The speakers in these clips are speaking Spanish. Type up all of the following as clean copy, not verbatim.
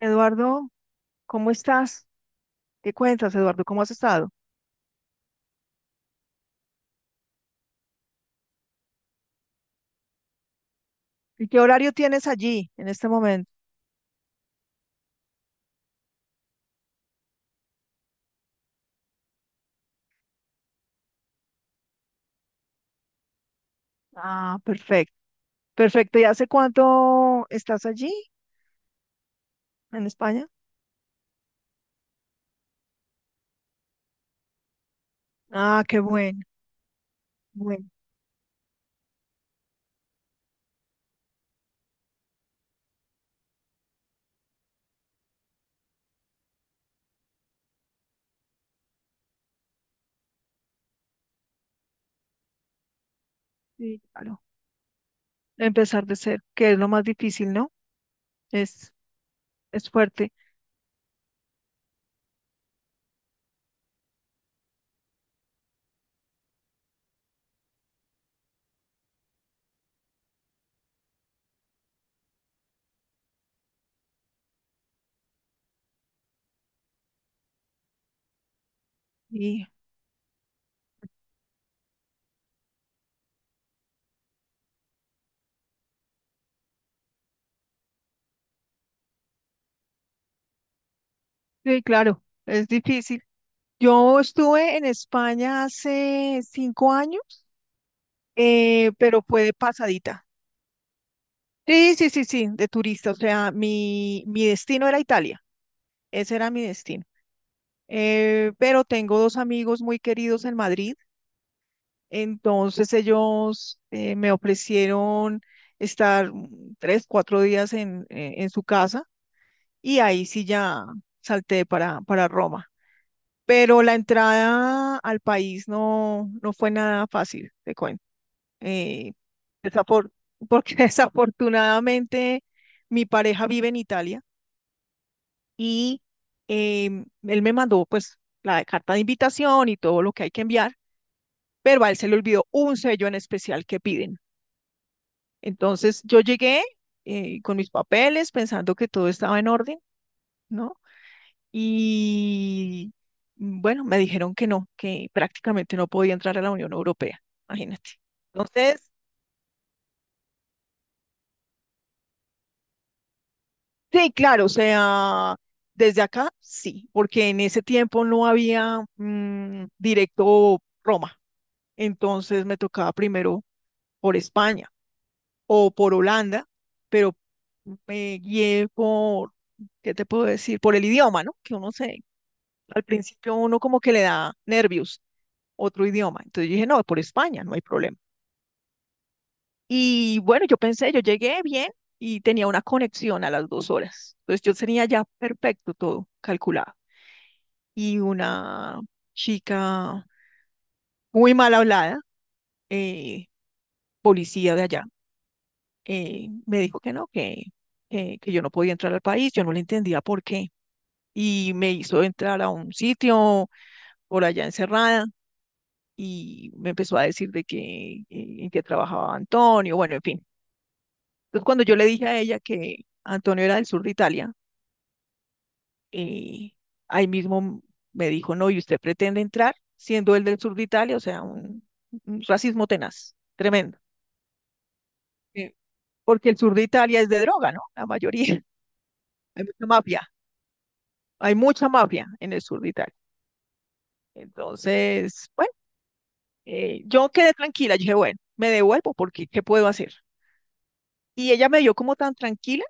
Eduardo, ¿cómo estás? ¿Qué cuentas, Eduardo? ¿Cómo has estado? ¿Y qué horario tienes allí en este momento? Ah, perfecto. Perfecto. ¿Y hace cuánto estás allí en España? Ah, qué bueno. Bueno, sí, claro. Empezar de cero, que es lo más difícil, ¿no? Es, es fuerte. Y sí, claro, es difícil. Yo estuve en España hace 5 años, pero fue de pasadita. Sí, sí, sí, sí, de turista. O sea, mi destino era Italia. Ese era mi destino. Pero tengo dos amigos muy queridos en Madrid, entonces ellos me ofrecieron estar 3, 4 días en su casa, y ahí sí ya salté para Roma. Pero la entrada al país no fue nada fácil, te cuento. Eh, desafor- Porque desafortunadamente mi pareja vive en Italia. Y él me mandó, pues, la carta de invitación y todo lo que hay que enviar, pero a él se le olvidó un sello en especial que piden. Entonces yo llegué con mis papeles pensando que todo estaba en orden, ¿no? Y bueno, me dijeron que no, que prácticamente no podía entrar a la Unión Europea, imagínate. Entonces, sí, claro, o sea, desde acá sí, porque en ese tiempo no había directo Roma. Entonces me tocaba primero por España o por Holanda, pero me guié por, ¿qué te puedo decir? Por el idioma, ¿no? Que uno se, al principio uno como que le da nervios otro idioma. Entonces yo dije, no, por España, no hay problema. Y bueno, yo pensé, yo llegué bien y tenía una conexión a las 2 horas. Entonces yo tenía ya perfecto todo calculado. Y una chica muy mal hablada, eh, policía de allá, me dijo que no, que yo no podía entrar al país, yo no le entendía por qué. Y me hizo entrar a un sitio por allá encerrada y me empezó a decir de que en qué trabajaba Antonio, bueno, en fin. Entonces cuando yo le dije a ella que Antonio era del sur de Italia, eh, ahí mismo me dijo, no, ¿y usted pretende entrar siendo él del sur de Italia? O sea, un racismo tenaz, tremendo. Eh, Porque el sur de Italia es de droga, ¿no? La mayoría, hay mucha mafia. Hay mucha mafia en el sur de Italia. Entonces, bueno, yo quedé tranquila. Yo dije, bueno, me devuelvo, porque ¿qué puedo hacer? Y ella me vio como tan tranquila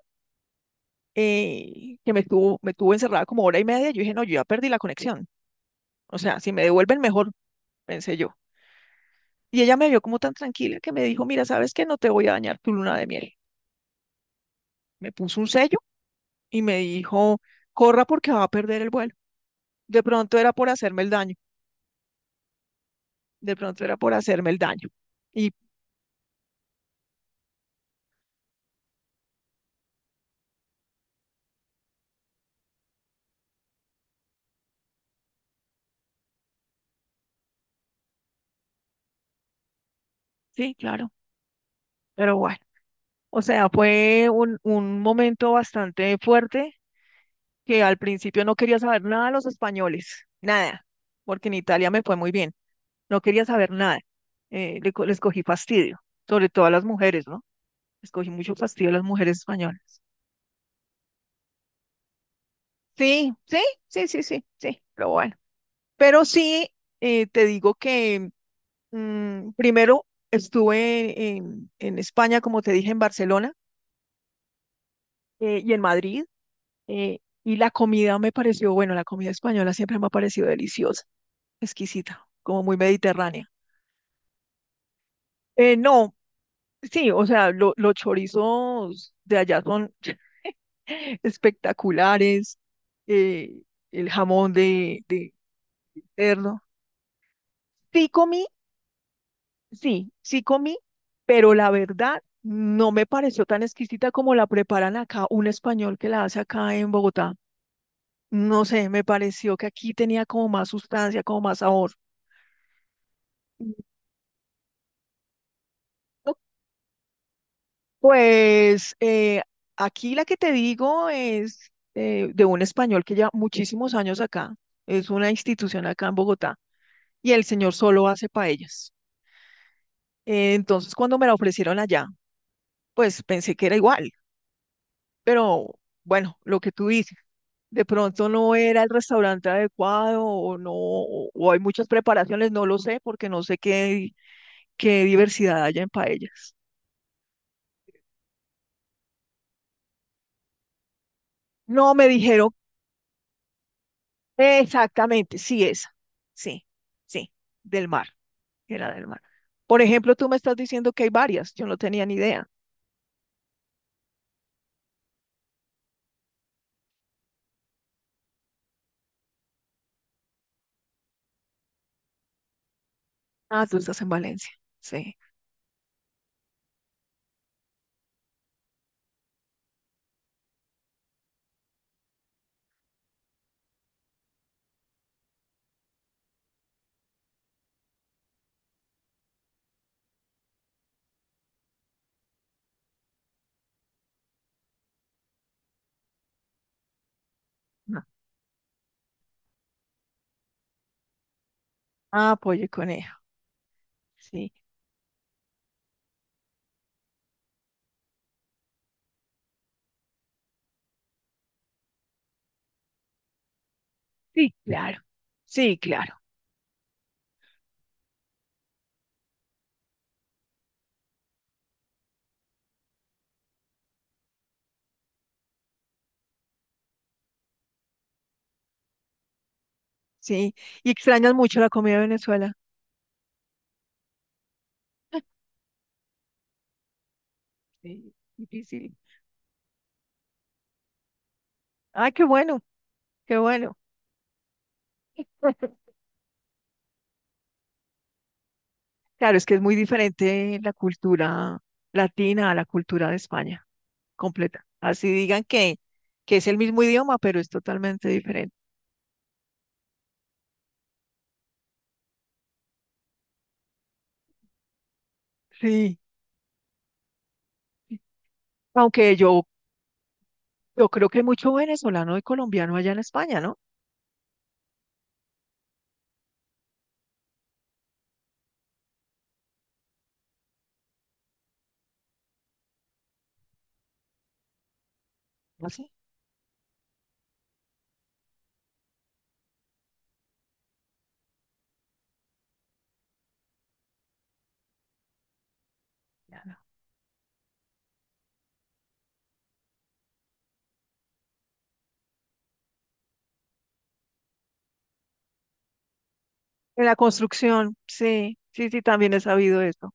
que me tuvo encerrada como hora y media. Yo dije, no, yo ya perdí la conexión. O sea, si me devuelven mejor, pensé yo. Y ella me vio como tan tranquila que me dijo, mira, ¿sabes qué? No te voy a dañar tu luna de miel. Me puso un sello y me dijo, corra, porque va a perder el vuelo. De pronto era por hacerme el daño, de pronto era por hacerme el daño. Y sí, claro, pero bueno, o sea, fue un momento bastante fuerte, que al principio no quería saber nada de los españoles, nada, porque en Italia me fue muy bien, no quería saber nada. Les cogí fastidio, sobre todo a las mujeres, ¿no? Les cogí mucho fastidio a las mujeres españolas. Sí, sí, sí, sí, sí, sí, pero bueno. Pero sí, te digo que primero estuve en España, como te dije, en Barcelona, y en Madrid. Y la comida me pareció, bueno, la comida española siempre me ha parecido deliciosa, exquisita, como muy mediterránea. No, sí, o sea, los chorizos de allá son espectaculares, eh, el jamón de cerdo. Sí comí, sí, sí comí, pero la verdad no me pareció tan exquisita como la preparan acá un español que la hace acá en Bogotá. No sé, me pareció que aquí tenía como más sustancia, como más sabor. No. Pues aquí la que te digo es de un español que lleva muchísimos años acá, es una institución acá en Bogotá, y el señor solo hace paellas. Entonces, cuando me la ofrecieron allá, pues pensé que era igual, pero bueno, lo que tú dices, de pronto no era el restaurante adecuado, o no, o hay muchas preparaciones, no lo sé, porque no sé qué, qué diversidad haya en paellas. No, me dijeron. Exactamente, sí, esa. Sí, sí, del mar, era del mar. Por ejemplo, tú me estás diciendo que hay varias, yo no tenía ni idea. Ah, tú estás en Valencia, sí. No. Ah, pollo y conejo, sí, sí, claro, sí, claro, sí. Y extrañas mucho la comida de Venezuela. Sí, difícil. Ah, qué bueno, qué bueno. Claro, es que es muy diferente la cultura latina a la cultura de España, completa. Así digan que, es el mismo idioma, pero es totalmente diferente. Sí. Aunque yo creo que hay mucho venezolano y colombiano allá en España, ¿no? No sé. En la construcción, sí, sí, sí, también he sabido eso.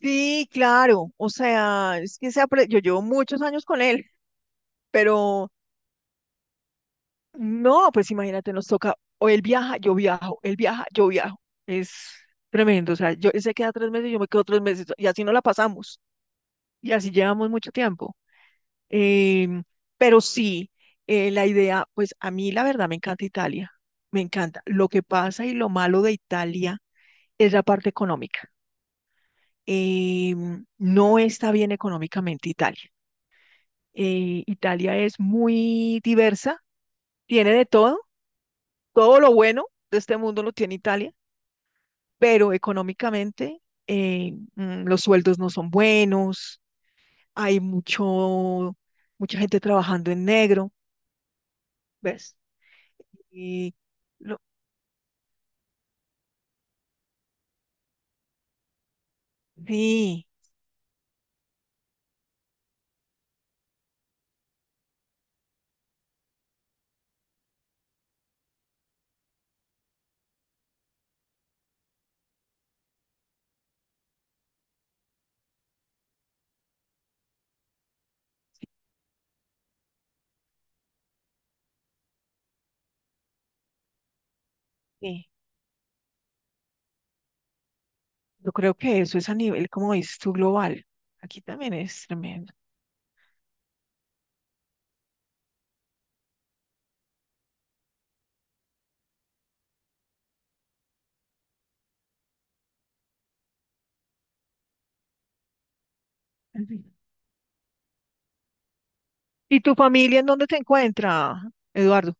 Sí, claro, o sea, es que yo llevo muchos años con él, pero no, pues imagínate, nos toca, o él viaja, yo viajo, él viaja, yo viajo. Es tremendo, o sea, yo, él se queda 3 meses, yo me quedo 3 meses, y así no la pasamos, y así llevamos mucho tiempo. Em, pero sí, la idea, pues a mí la verdad me encanta Italia, me encanta. Lo que pasa y lo malo de Italia es la parte económica. No está bien económicamente Italia. Italia es muy diversa, tiene de todo, todo lo bueno de este mundo lo tiene Italia, pero económicamente los sueldos no son buenos, hay mucha gente trabajando en negro, ¿ves? Y lo- Sí, sí. Yo creo que eso es a nivel, como dices tú, global. Aquí también es tremendo. Ujú. ¿Y tu familia en dónde te encuentra, Eduardo?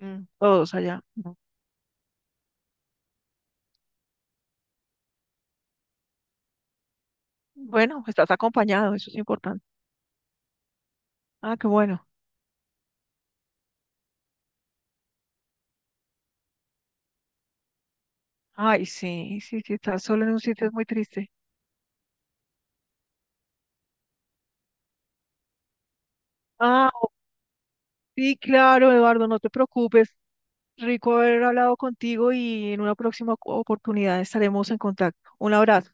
Todos allá. Ujú. Bueno, estás acompañado, eso es importante. Ah, qué bueno. Ay, sí, sí, sí, estás solo en un sitio es muy triste. Ah, sí, claro, Eduardo, no te preocupes. Rico haber hablado contigo y en una próxima oportunidad estaremos en contacto. Un abrazo.